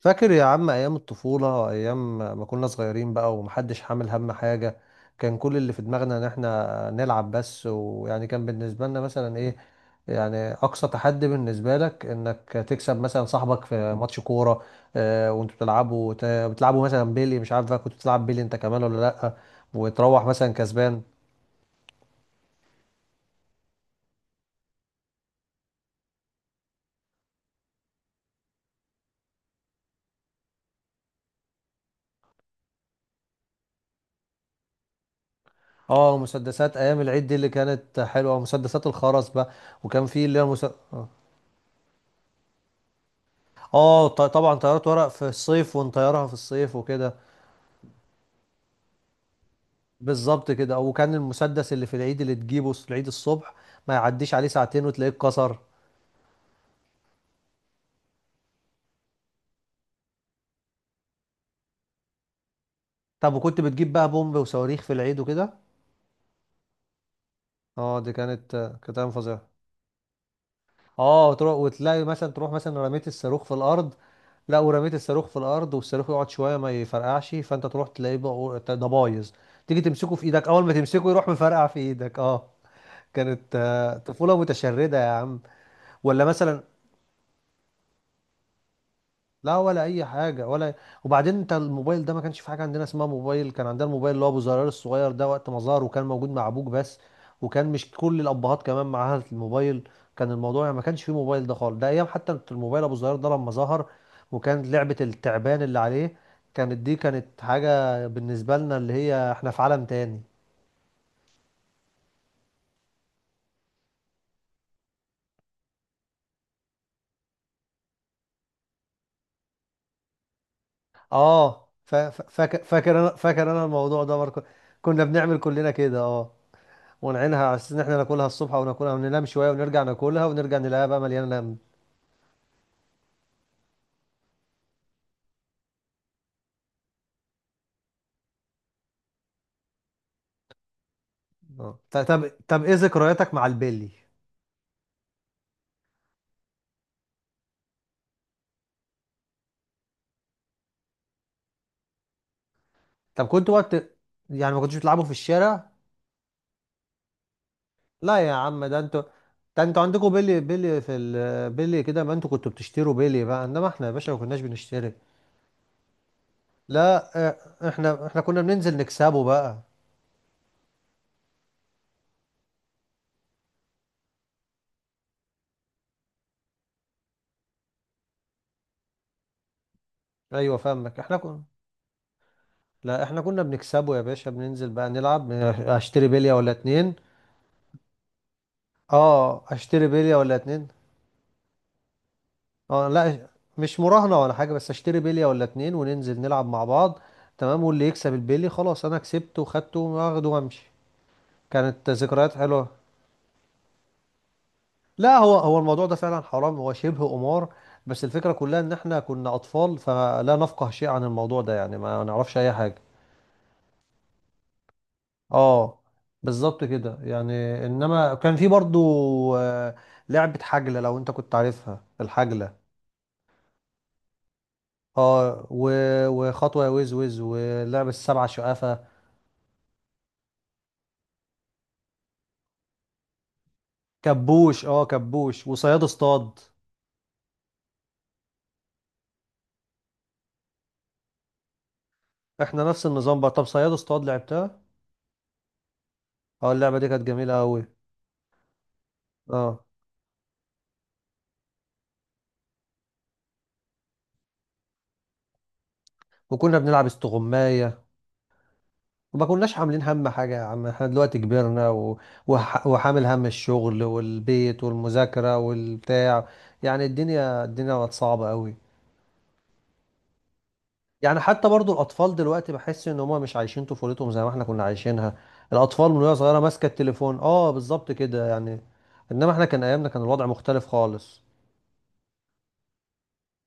فاكر يا عم ايام الطفوله، وايام ما كنا صغيرين بقى ومحدش حامل هم حاجه. كان كل اللي في دماغنا ان احنا نلعب بس، ويعني كان بالنسبه لنا مثلا ايه. يعني اقصى تحدي بالنسبه لك انك تكسب مثلا صاحبك في ماتش كوره. آه، وانتوا بتلعبوا بتلعبوا مثلا بيلي. مش عارف بقى، كنت بتلعب بيلي انت كمان ولا لا؟ وتروح مثلا كسبان. اه، مسدسات ايام العيد دي اللي كانت حلوه، مسدسات الخرز بقى، وكان في اللي هي مسدسات. طبعا طيارات ورق في الصيف، ونطيرها في الصيف وكده. بالظبط كده. وكان المسدس اللي في العيد، اللي تجيبه في العيد الصبح، ما يعديش عليه ساعتين وتلاقيه اتكسر. طب، وكنت بتجيب بقى بومب وصواريخ في العيد وكده؟ اه، دي كانت ايام فظيعه. اه، تروح وتلاقي مثلا، تروح مثلا، رميت الصاروخ في الارض. لا، ورميت الصاروخ في الارض، والصاروخ يقعد شويه ما يفرقعش، فانت تروح تلاقيه بقى ده بايظ. تيجي تمسكه في ايدك، اول ما تمسكه يروح مفرقع في ايدك. اه. كانت طفوله متشرده يا عم. ولا مثلا. لا ولا اي حاجه ولا. وبعدين انت الموبايل ده، ما كانش في حاجه عندنا اسمها موبايل. كان عندنا الموبايل اللي هو ابو زرار الصغير ده، وقت ما ظهر، وكان موجود مع ابوك بس. وكان مش كل الابهات كمان معاها الموبايل. كان الموضوع يعني ما كانش فيه موبايل ده خالص. ده ايام حتى الموبايل ابو زرار ده لما ظهر وكان لعبه التعبان اللي عليه. دي كانت حاجه بالنسبه لنا، اللي هي احنا في عالم تاني. فاكر انا الموضوع ده برضه. كنا بنعمل كلنا كده. اه ونعينها على اساس ان احنا ناكلها الصبح، او ناكلها وننام شويه ونرجع ناكلها، ونرجع نلاقيها بقى مليانه لم. طب ايه ذكرياتك مع البيلي؟ طب كنت وقت يعني ما كنتوش بتلعبوا في الشارع؟ لا يا عم، ده انتوا عندكم بيلي، بيلي في بيلي كده، ما انتوا كنتوا بتشتروا بيلي بقى، انما احنا يا باشا ما كناش بنشتري. لا، احنا كنا بننزل نكسبه بقى. ايوه فاهمك، احنا كنا. لا احنا كنا بنكسبه يا باشا، بننزل بقى نلعب، اشتري بليه ولا اتنين. اه، اشتري بليه ولا اتنين. اه لا، مش مراهنة ولا حاجة، بس اشتري بلية ولا اتنين وننزل نلعب مع بعض. تمام، واللي يكسب البلي خلاص، انا كسبته وخدته واخده وامشي. كانت ذكريات حلوة. لا، هو هو الموضوع ده فعلا حرام، هو شبه قمار. بس الفكرة كلها ان احنا كنا اطفال، فلا نفقه شيء عن الموضوع ده، يعني ما نعرفش اي حاجة. اه بالظبط كده يعني، انما كان في برضو آه، لعبة حجلة، لو انت كنت عارفها، الحجلة. وخطوة يا وز وز، ولعبة السبعة شقافة. كبوش. اه كبوش وصياد اصطاد. احنا نفس النظام بقى. طب، صياد اصطاد لعبتها. اه، اللعبه دي كانت جميله قوي. اه، وكنا بنلعب استغمايه. وما كناش عاملين هم حاجه يا عم. احنا دلوقتي كبرنا، وحامل هم الشغل والبيت والمذاكره والبتاع. يعني الدنيا بقت صعبه قوي. يعني حتى برضو الاطفال دلوقتي، بحس ان هم مش عايشين طفولتهم زي ما احنا كنا عايشينها. الاطفال من وهي صغيره ماسكه التليفون. اه، بالظبط كده يعني. انما احنا، كان ايامنا كان الوضع مختلف خالص.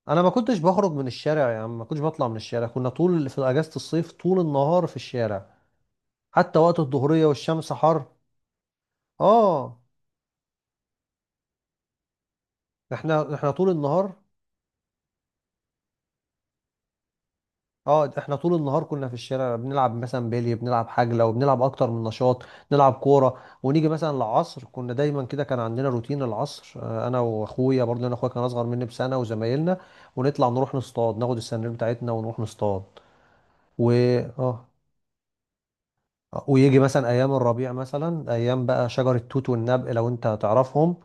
انا ما كنتش بخرج من الشارع يا عم، ما كنتش بطلع من الشارع. كنا طول في اجازة الصيف طول النهار في الشارع. حتى وقت الظهرية والشمس حر. اه احنا طول النهار. اه، احنا طول النهار كنا في الشارع، بنلعب مثلا بيلي، بنلعب حجلة، وبنلعب اكتر من نشاط. نلعب كورة ونيجي مثلا العصر. كنا دايما كده، كان عندنا روتين العصر. انا واخويا برضه، انا اخويا كان اصغر مني بسنة، وزمايلنا. ونطلع نروح نصطاد، ناخد السنارير بتاعتنا ونروح نصطاد و اه ويجي مثلا ايام الربيع، مثلا ايام بقى شجر التوت والنبق، لو انت تعرفهم.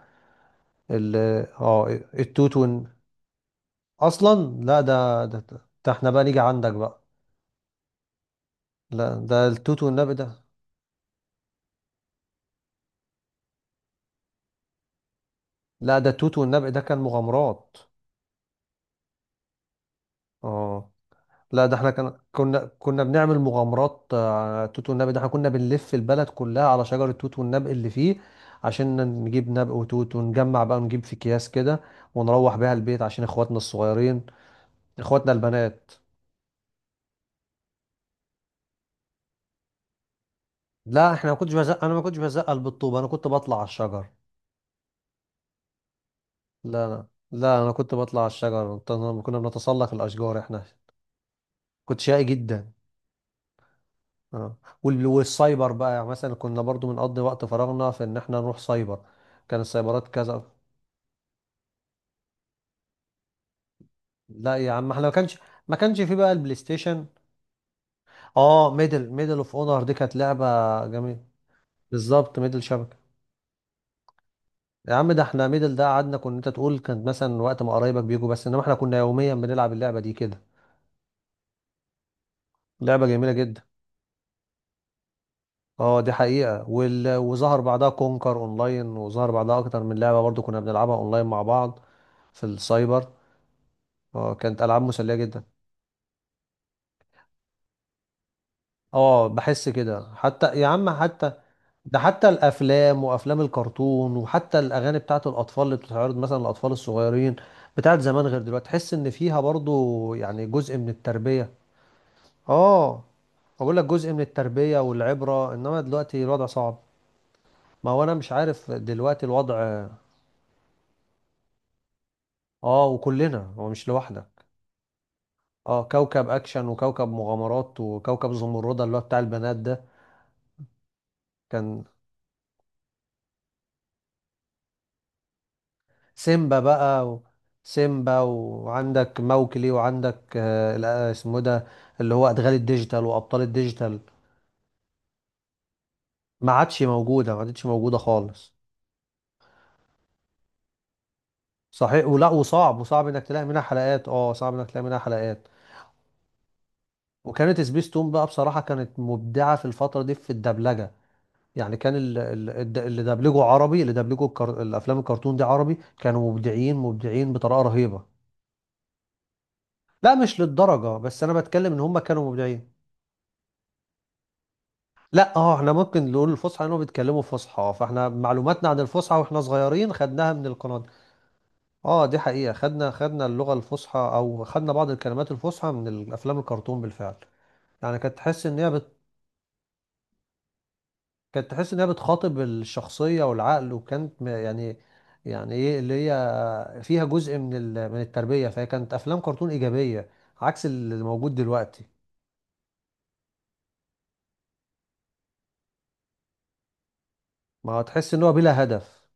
ال- اه التوت اصلا. لا ده ده. ده احنا بقى نيجي عندك بقى. لا ده التوت والنبق ده. لا ده التوت والنبق ده كان مغامرات. اه لا، ده احنا كان كنا كنا بنعمل مغامرات، على التوت والنبق ده. احنا كنا بنلف البلد كلها على شجر التوت والنبق اللي فيه، عشان نجيب نبق وتوت ونجمع بقى، ونجيب في اكياس كده، ونروح بيها البيت عشان اخواتنا الصغيرين، اخواتنا البنات. لا احنا ما كنتش بزق، انا ما كنتش بزقل بالطوبة، انا كنت بطلع على الشجر. لا، لا، لا، انا كنت بطلع على الشجر. كنا بنتسلق الاشجار احنا. كنت شقي جدا. اه والسايبر بقى يعني، مثلا كنا برضو بنقضي وقت فراغنا في ان احنا نروح سايبر. كان السايبرات كذا. لا يا عم، احنا ما كانش في بقى البلاي ستيشن. اه، ميدل، ميدل اوف اونر دي كانت لعبة جميلة. بالظبط، ميدل شبكة. يا عم ده احنا ميدل ده قعدنا، كنا، انت تقول كان مثلا وقت ما قرايبك بيجوا بس، انما احنا كنا يوميا بنلعب اللعبة دي كده. لعبة جميلة جدا. اه دي حقيقة. وظهر بعدها كونكر اونلاين، وظهر بعدها اكتر من لعبة برضو كنا بنلعبها اونلاين مع بعض في السايبر. اه كانت العاب مسلية جدا. اه بحس كده، حتى يا عم، حتى ده حتى الافلام وافلام الكرتون وحتى الاغاني بتاعت الاطفال اللي بتتعرض مثلا للاطفال الصغيرين بتاعت زمان غير دلوقتي، تحس ان فيها برضو يعني جزء من التربية. اه، بقول لك جزء من التربية والعبرة، انما دلوقتي الوضع صعب. ما هو انا مش عارف دلوقتي الوضع. اه وكلنا، هو مش لوحدك. اه، كوكب اكشن، وكوكب مغامرات، وكوكب زمردة اللي هو بتاع البنات ده. كان سيمبا بقى سيمبا، وعندك موكلي، وعندك، آه لا، اسمه ده اللي هو ادغال الديجيتال، وابطال الديجيتال. ما عادش موجوده، ما عادتش موجوده خالص. صحيح، ولا وصعب، وصعب انك تلاقي منها حلقات. اه صعب انك تلاقي منها حلقات. وكانت سبيس تون بقى بصراحه كانت مبدعه في الفتره دي في الدبلجه. يعني كان اللي دبلجه عربي، الافلام الكرتون دي عربي كانوا مبدعين مبدعين بطريقه رهيبه. لا مش للدرجه، بس انا بتكلم ان هم كانوا مبدعين. لا، اه، احنا ممكن نقول الفصحى لانهم بيتكلموا فصحى، فاحنا معلوماتنا عن الفصحى واحنا صغيرين خدناها من القناه دي. اه دي حقيقه، خدنا اللغه الفصحى، او خدنا بعض الكلمات الفصحى من الافلام الكرتون بالفعل. يعني كانت تحس ان هي كانت تحس انها بتخاطب الشخصيه والعقل، يعني. يعني ايه، اللي هي فيها جزء من من التربيه، فهي كانت افلام كرتون ايجابيه عكس اللي موجود دلوقتي. ما هو تحس ان هو بلا هدف.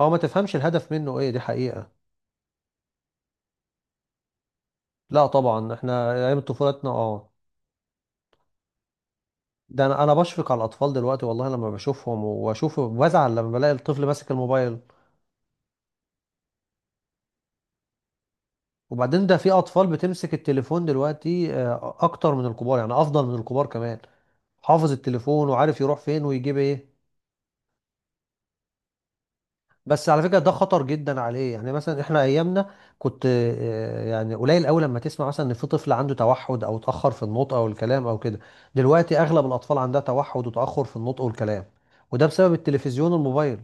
هو ما تفهمش الهدف منه ايه، دي حقيقه. لا طبعا، احنا ايام طفولتنا. اه. ده انا بشفق على الاطفال دلوقتي والله، لما بشوفهم واشوف بزعل لما بلاقي الطفل ماسك الموبايل. وبعدين ده في اطفال بتمسك التليفون دلوقتي، اكتر من الكبار، يعني افضل من الكبار كمان. حافظ التليفون، وعارف يروح فين ويجيب ايه. بس على فكره ده خطر جدا عليه، يعني مثلا احنا ايامنا، كنت، يعني قليل قوي لما تسمع مثلا ان في طفل عنده توحد، او اتاخر في النطق او الكلام او كده. دلوقتي اغلب الاطفال عندها توحد وتاخر في النطق والكلام، وده بسبب التلفزيون والموبايل.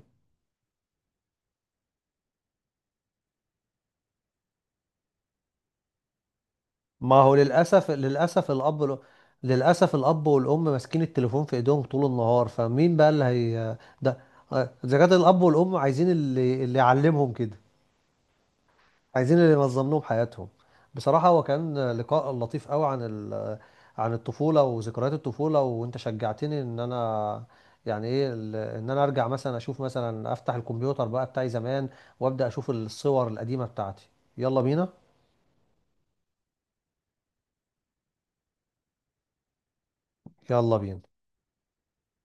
ما هو للاسف الاب والام ماسكين التليفون في ايديهم طول النهار، فمين بقى اللي هي ده. اذا كان الاب والام عايزين اللي يعلمهم كده، عايزين اللي ينظم لهم حياتهم. بصراحة هو كان لقاء لطيف قوي عن عن الطفولة وذكريات الطفولة، وانت شجعتني ان انا، يعني ايه ان انا ارجع مثلا، اشوف مثلا افتح الكمبيوتر بقى بتاعي زمان، وابدأ اشوف الصور القديمة بتاعتي. يلا بينا. يلا بينا.